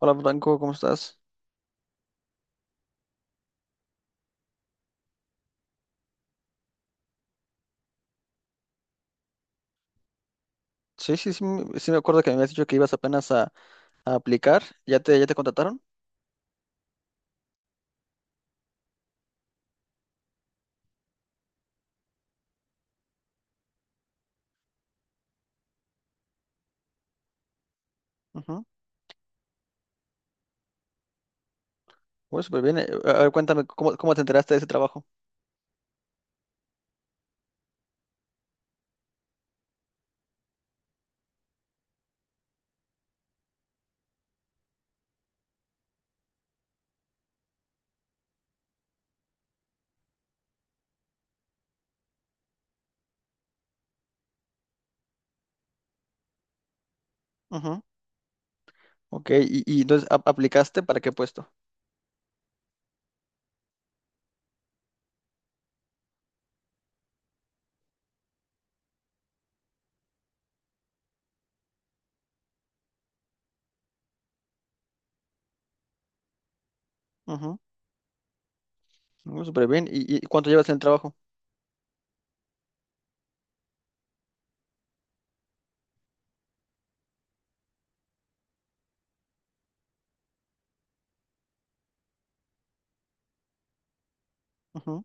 Hola Franco, ¿cómo estás? Sí, sí, sí me acuerdo que me habías dicho que ibas apenas a aplicar. ¿Ya ya te contrataron? Ujú. Bueno, súper bien. A ver, cuéntame, ¿ cómo te enteraste de ese trabajo? Ujú. Ok, y entonces aplicaste para qué puesto? Ujú. Bueno, súper bien. Y cuánto llevas en el trabajo? Ujú.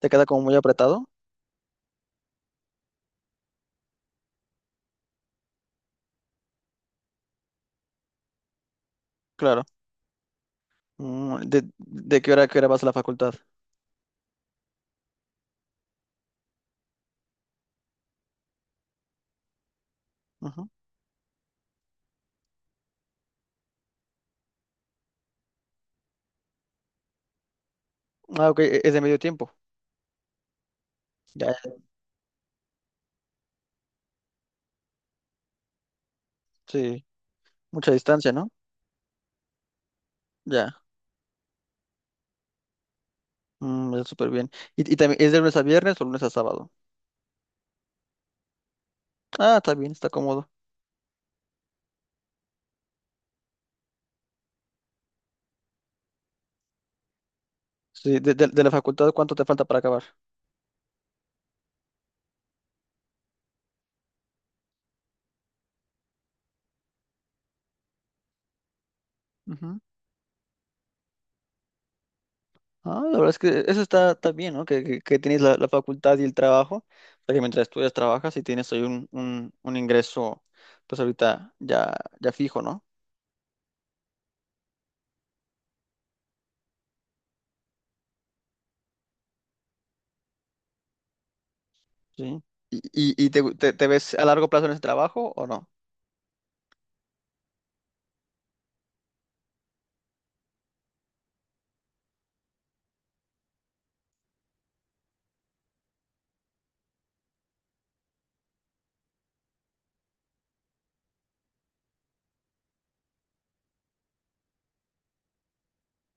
¿Te queda como muy apretado? Claro. Mm. De qué hora a qué hora vas a la facultad? Ujú. Ah, ok, es de medio tiempo. Ya, ya, sí. Mucha distancia, ¿no? Ya. Mm, ya, súper bien. Y también es de lunes a viernes o lunes a sábado? Ah, está bien, está cómodo. Sí, de la facultad, ¿cuánto te falta para acabar? Ujú. Ah, la verdad es que eso está, está bien, ¿no? Que tienes la facultad y el trabajo, para que mientras estudias trabajas y tienes ahí un ingreso, pues ahorita ya, ya fijo, ¿no? Sí. Y te ves a largo plazo en ese trabajo o no?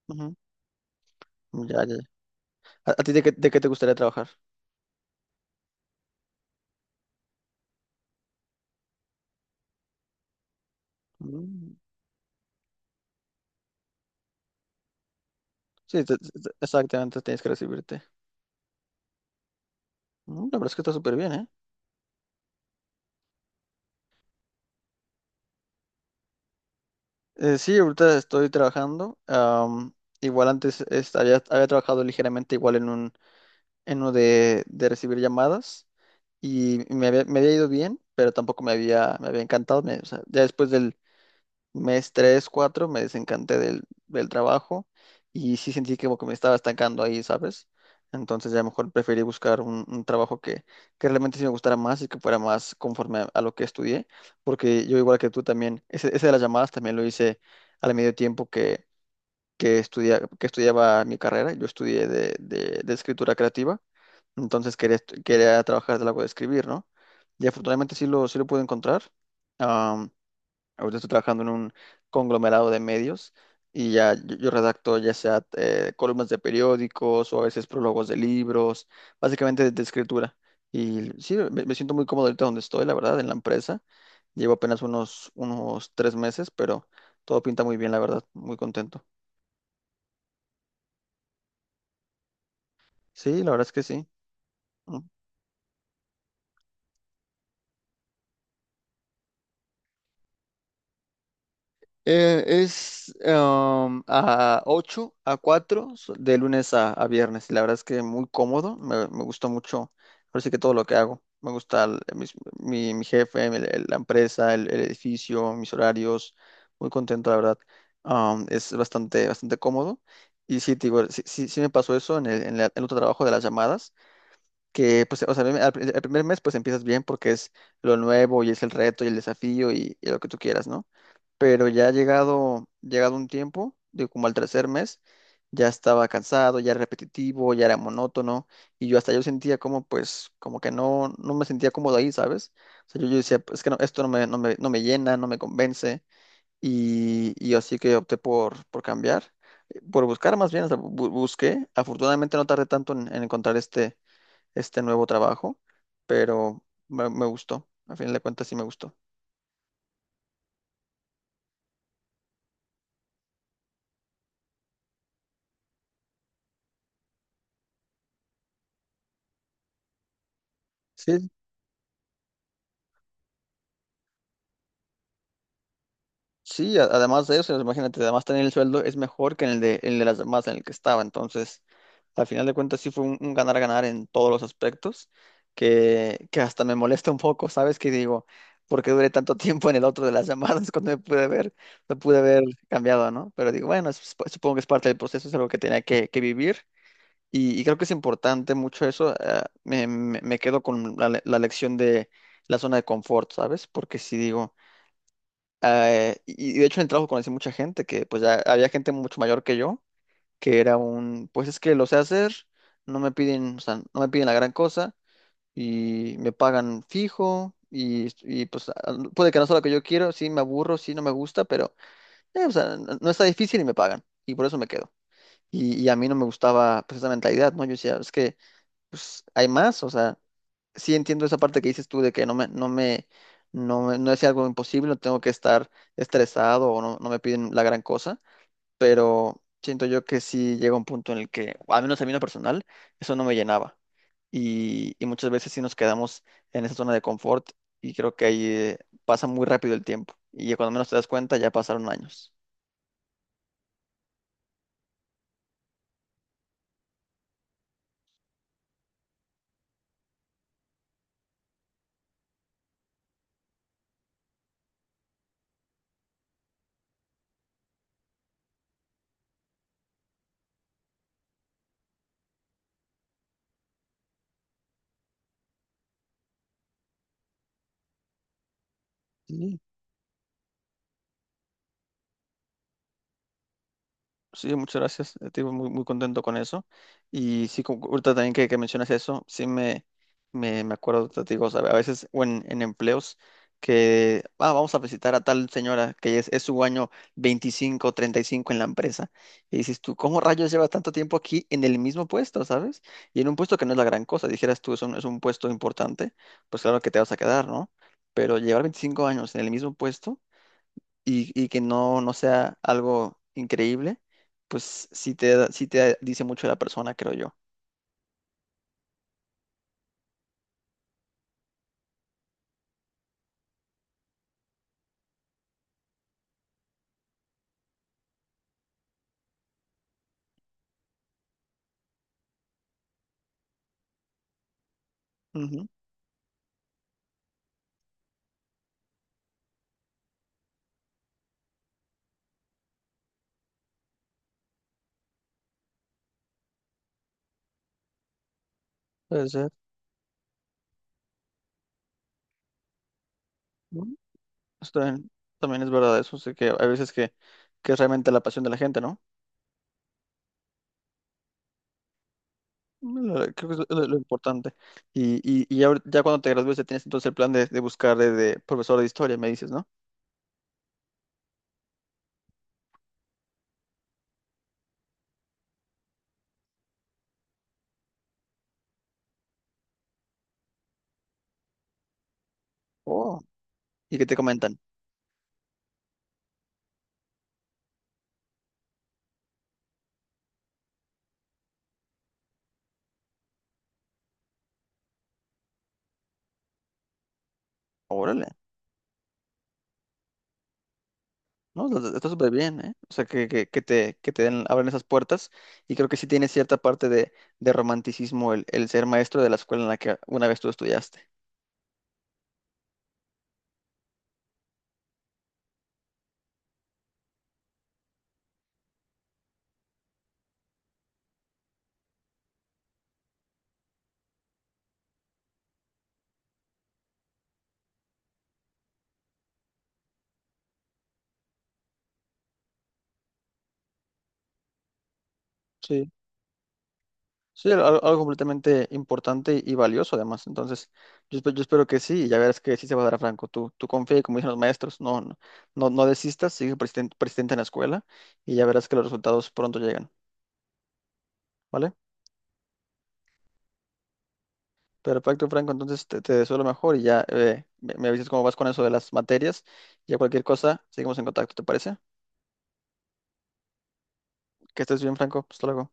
Ujú. Ya, ya, ya. A ti de qué te gustaría trabajar? Mm. Sí, exactamente, tienes que recibirte. Mm. La verdad es que está súper bien, ¿eh? Sí, ahorita estoy trabajando. Igual antes había, trabajado ligeramente igual en en uno de recibir llamadas y me había ido bien, pero tampoco me había, me había encantado. O sea, ya después del, mes 3 4 me desencanté del trabajo y sí sentí que como que me estaba estancando ahí, ¿sabes? Entonces ya mejor preferí buscar un trabajo que realmente sí me gustara más y que fuera más conforme a lo que estudié, porque yo igual que tú también, ese de las llamadas también lo hice al medio tiempo que estudiaba mi carrera, yo estudié de escritura creativa, entonces quería trabajar de algo de escribir, ¿no? Y afortunadamente sí lo pude encontrar. Ahorita estoy trabajando en un conglomerado de medios y ya yo redacto ya sea columnas de periódicos o a veces prólogos de libros, básicamente de escritura. Y sí, me siento muy cómodo ahorita donde estoy, la verdad, en la empresa. Llevo apenas unos tres meses, pero todo pinta muy bien, la verdad, muy contento. Sí, la verdad es que sí. Es a 8 a 4 de lunes a viernes. Y la verdad es que muy cómodo. Me gusta mucho. Ahora sí que todo lo que hago. Me gusta mi jefe, la empresa, el edificio, mis horarios. Muy contento, la verdad. Es bastante, bastante cómodo. Y sí, te digo, sí, sí, sí me pasó eso en el otro trabajo de las llamadas. Que, pues, o sea, al el primer mes, pues empiezas bien porque es lo nuevo y es el reto y el desafío y lo que tú quieras, ¿no? Pero ya llegado, llegado un tiempo, de como al tercer mes, ya estaba cansado, ya era repetitivo, ya era monótono, y yo hasta yo sentía como, pues, como que no, no me sentía cómodo ahí, ¿sabes? O sea, yo decía, "Pues, es que no, esto no me, no me, no me llena, no me convence, y así que opté por cambiar, por buscar más bien, o sea, busqué, afortunadamente no tardé tanto en encontrar este nuevo trabajo, pero me gustó, a fin de cuentas sí me gustó. Sí, además de eso, imagínate, además tener el sueldo es mejor que en el el de las demás en el que estaba. Entonces, al final de cuentas, sí fue un ganar-ganar en todos los aspectos, que hasta me molesta un poco, ¿sabes? Que digo, ¿por qué duré tanto tiempo en el otro de las llamadas cuando me pude ver, me pude haber cambiado, ¿no? Pero digo, bueno, supongo que es parte del proceso, es algo que tenía que vivir. Y creo que es importante mucho eso. Me quedo con la lección de la zona de confort, ¿sabes? Porque si digo y de hecho en el trabajo conocí mucha gente que pues ya había gente mucho mayor que yo, que era un, pues es que lo sé hacer, no me piden, o sea, no me piden la gran cosa y me pagan fijo y, pues puede que no sea lo que yo quiero, sí me aburro, sí no me gusta, pero o sea, no, no está difícil y me pagan y por eso me quedo. Y a mí no me gustaba pues esa mentalidad, ¿no? Yo decía, es que pues hay más, o sea, sí entiendo esa parte que dices tú de que no me, no me, no es algo imposible, no tengo que estar estresado o no, no me piden la gran cosa, pero siento yo que sí llega un punto en el que, al menos a mí en lo personal, eso no me llenaba. Y muchas veces sí nos quedamos en esa zona de confort y creo que ahí pasa muy rápido el tiempo. Y cuando menos te das cuenta, ya pasaron años. Sí, muchas gracias. Estoy muy, muy contento con eso. Y sí, como ahorita también que mencionas eso, sí me acuerdo, te digo, o sea, a veces o en empleos que ah, vamos a visitar a tal señora que es su año 25, 35 en la empresa. Y dices tú, ¿cómo rayos llevas tanto tiempo aquí en el mismo puesto, sabes? Y en un puesto que no es la gran cosa, dijeras tú, es un puesto importante, pues claro que te vas a quedar, ¿no? Pero llevar 25 años en el mismo puesto y que no, no sea algo increíble, pues sí sí te dice mucho de la persona, creo yo. Ujú, puede ser. ¿No? Esto también, también es verdad eso, sé que hay veces que es realmente la pasión de la gente, ¿no? Mm. Creo que es lo importante. Y, y ya, ya cuando te gradúes, ya tienes entonces el plan de buscar de profesor de historia, me dices, ¿no? Oh. ¿Y qué te comentan? Órale. No, está súper bien, ¿eh? O sea, que te abran esas puertas y creo que sí tiene cierta parte de romanticismo el ser maestro de la escuela en la que una vez tú estudiaste. Sí, sí, algo, completamente importante y valioso además. Entonces, yo espero que sí, y ya verás que sí se va a dar a Franco. Tú confía y como dicen los maestros, no, no, no, no desistas, sigue persistente en la escuela y ya verás que los resultados pronto llegan, ¿vale? Perfecto, Franco. Entonces te deseo lo mejor y ya me avisas cómo vas con eso de las materias. Ya cualquier cosa, seguimos en contacto, ¿te parece? Que estés bien, Franco. Hasta luego.